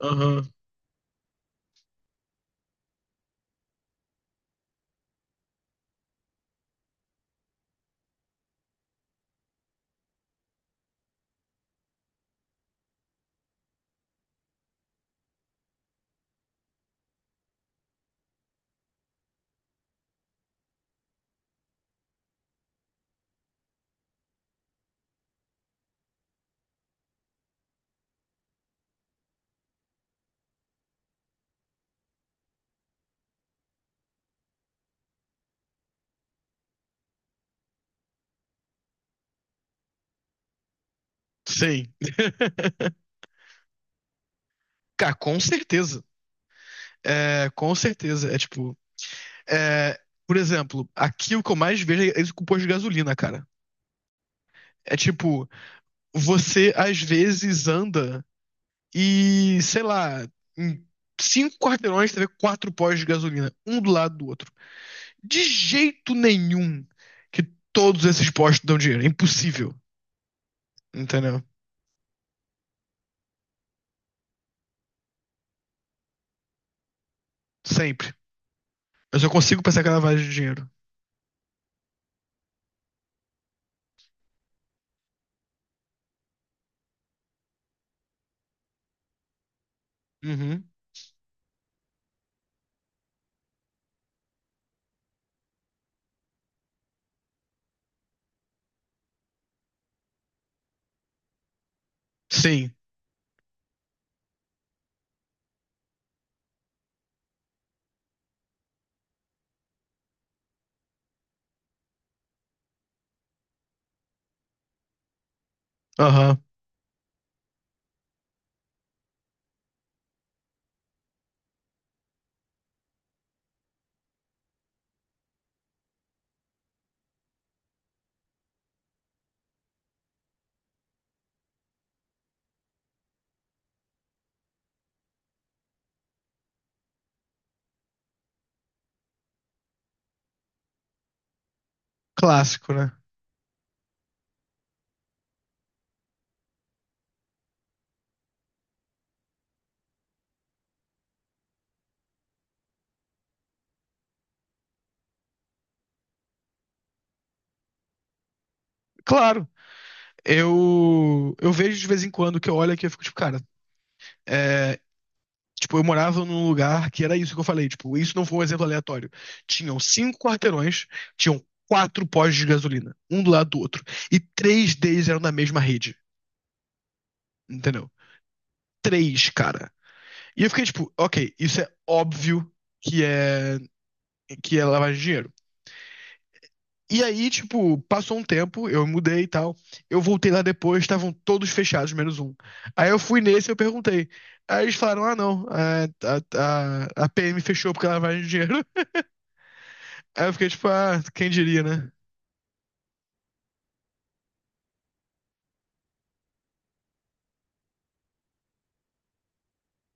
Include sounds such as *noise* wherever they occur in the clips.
Aham, sim. Cara, com certeza. É, com certeza. É, por exemplo, aqui o que eu mais vejo é isso com o posto de gasolina, cara. É tipo, você às vezes anda e, sei lá, em cinco quarteirões você vê quatro postos de gasolina, um do lado do outro. De jeito nenhum que todos esses postos dão dinheiro. É impossível. Entendeu? Sempre. Eu só consigo pensar que é lavagem de dinheiro. Uhum. Sim. Aham. Clássico, né? Claro. Eu vejo de vez em quando que eu olho aqui e fico tipo, cara, é, tipo, eu morava num lugar que era isso que eu falei, tipo, isso não foi um exemplo aleatório. Tinham cinco quarteirões, tinham quatro postos de gasolina, um do lado do outro, e três deles eram da mesma rede, entendeu? Três, cara. E eu fiquei tipo, ok, isso é óbvio que é que é lavagem de dinheiro. E aí, tipo, passou um tempo, eu mudei e tal. Eu voltei lá depois, estavam todos fechados, menos um. Aí eu fui nesse e eu perguntei. Aí eles falaram: ah, não, a PM fechou porque lavagem de dinheiro. *laughs* Aí eu fiquei tipo: ah, quem diria, né?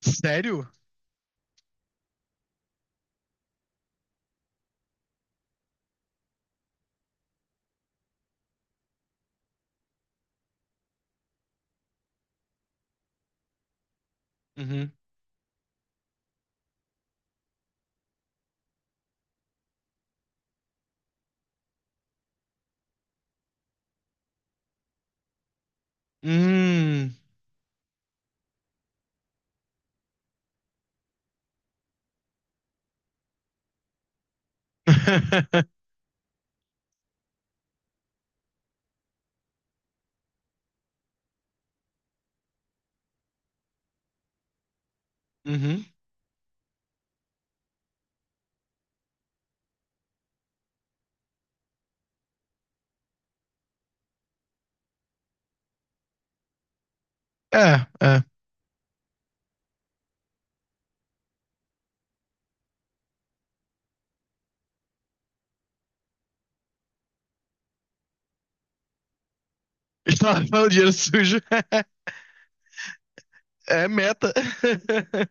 Sério? Uhum. Hum. *laughs* Uhum. É, é. Estava lavando dinheiro sujo. *laughs* É meta. *laughs*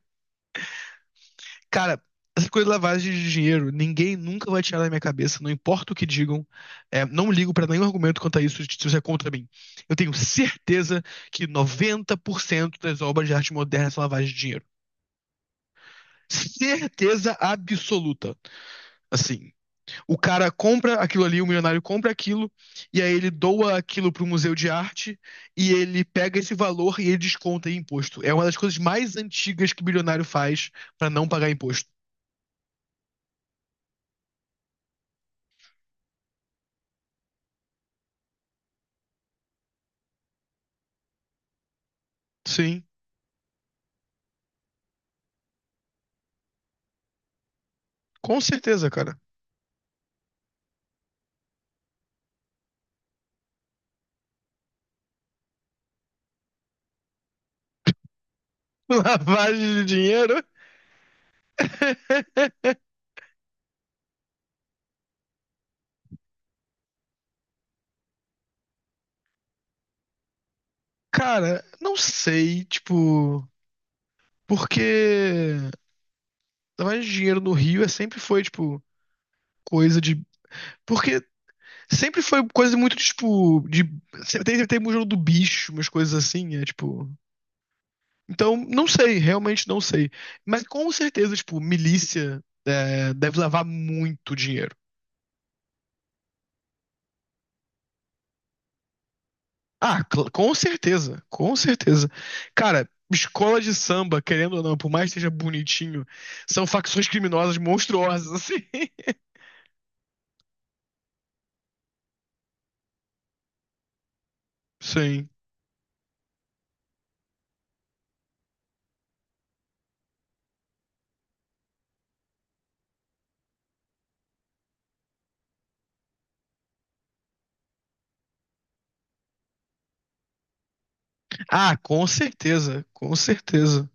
Cara, *laughs* essa coisa de lavagem de dinheiro, ninguém nunca vai tirar da minha cabeça, não importa o que digam. É, não ligo pra nenhum argumento quanto a isso, se isso é contra mim. Eu tenho certeza que 90% das obras de arte moderna são lavagem de dinheiro. Certeza absoluta. Assim, o cara compra aquilo ali, o milionário compra aquilo, e aí ele doa aquilo pro museu de arte, e ele pega esse valor e ele desconta em imposto. É uma das coisas mais antigas que o bilionário faz pra não pagar imposto. Sim, com certeza, cara. *laughs* Lavagem de dinheiro? Cara, não sei, tipo, porque lavagem de dinheiro no Rio é sempre foi, tipo, coisa de. Porque sempre foi coisa muito, tipo, de. Sempre tem, tem museu do bicho, umas coisas assim, é tipo. Então, não sei, realmente não sei. Mas com certeza, tipo, milícia, deve lavar muito dinheiro. Ah, cl- com certeza, com certeza. Cara, escola de samba, querendo ou não, por mais que seja bonitinho, são facções criminosas monstruosas, assim. *laughs* Sim. Ah, com certeza, com certeza,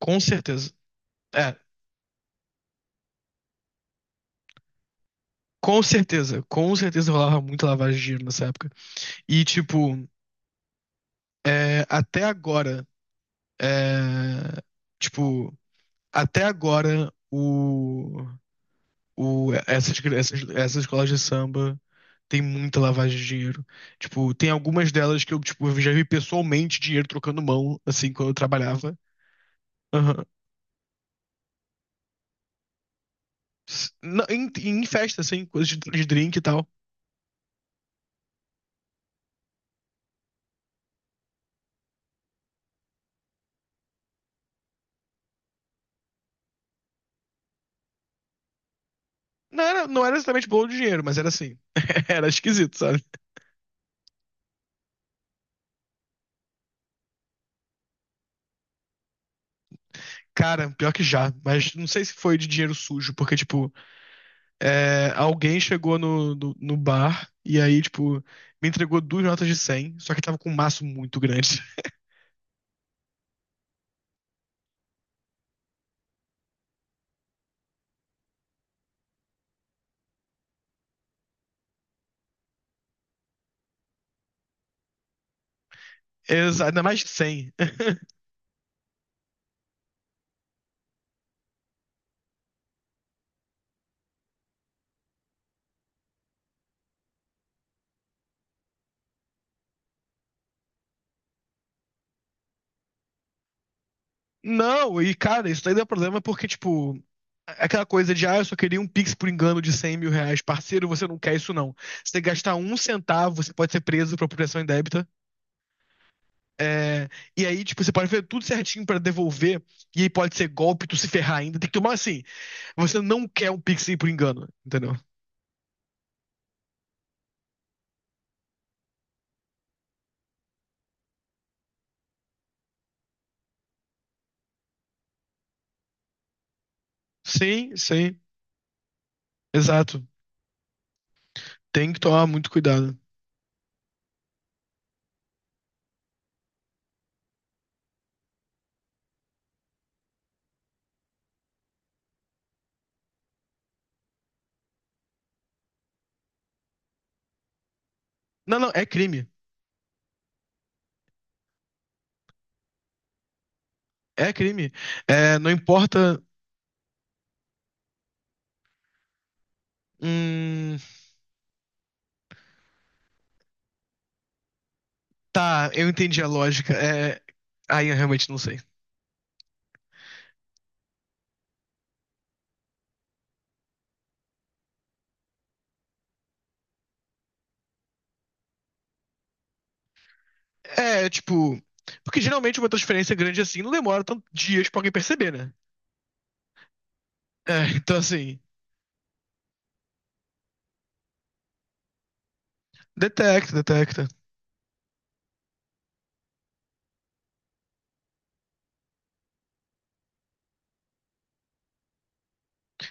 com certeza. É, com certeza rolava muita lavagem de dinheiro nessa época. E, tipo, até agora, é, tipo, até agora, essas, essas, essas escolas de samba. Tem muita lavagem de dinheiro. Tipo, tem algumas delas que eu, tipo, eu já vi pessoalmente dinheiro trocando mão, assim, quando eu trabalhava. Aham. S- na- Em, em festa, assim, coisas de drink e tal. Não era, não era exatamente bolo de dinheiro, mas era assim. *laughs* Era esquisito, sabe? Cara, pior que já, mas não sei se foi de dinheiro sujo, porque, tipo, alguém chegou no bar e aí, tipo, me entregou duas notas de 100 só que tava com um maço muito grande. *laughs* Exa- ainda mais de 100. Não, e cara, isso daí dá problema porque, tipo, aquela coisa de, ah, eu só queria um Pix por engano de 100 mil reais. Parceiro, você não quer isso, não. Se você gastar um centavo, você pode ser preso por apropriação indébita. É, e aí, tipo, você pode fazer tudo certinho pra devolver, e aí pode ser golpe, tu se ferrar ainda. Tem que tomar assim. Você não quer um Pix aí por engano, entendeu? Sim, sim, exato. Tem que tomar muito cuidado. Não, não, é crime. É crime. É, não importa. Hum... Tá, eu entendi a lógica. É... Aí eu realmente não sei. É, tipo. Porque geralmente uma transferência grande assim não demora tantos dias pra alguém perceber, né? É, *laughs* então assim. Detecta, detecta.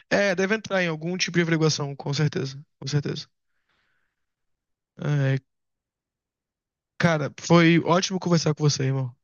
É, deve entrar em algum tipo de averiguação, com certeza. Com certeza. É, cara, foi ótimo conversar com você, irmão.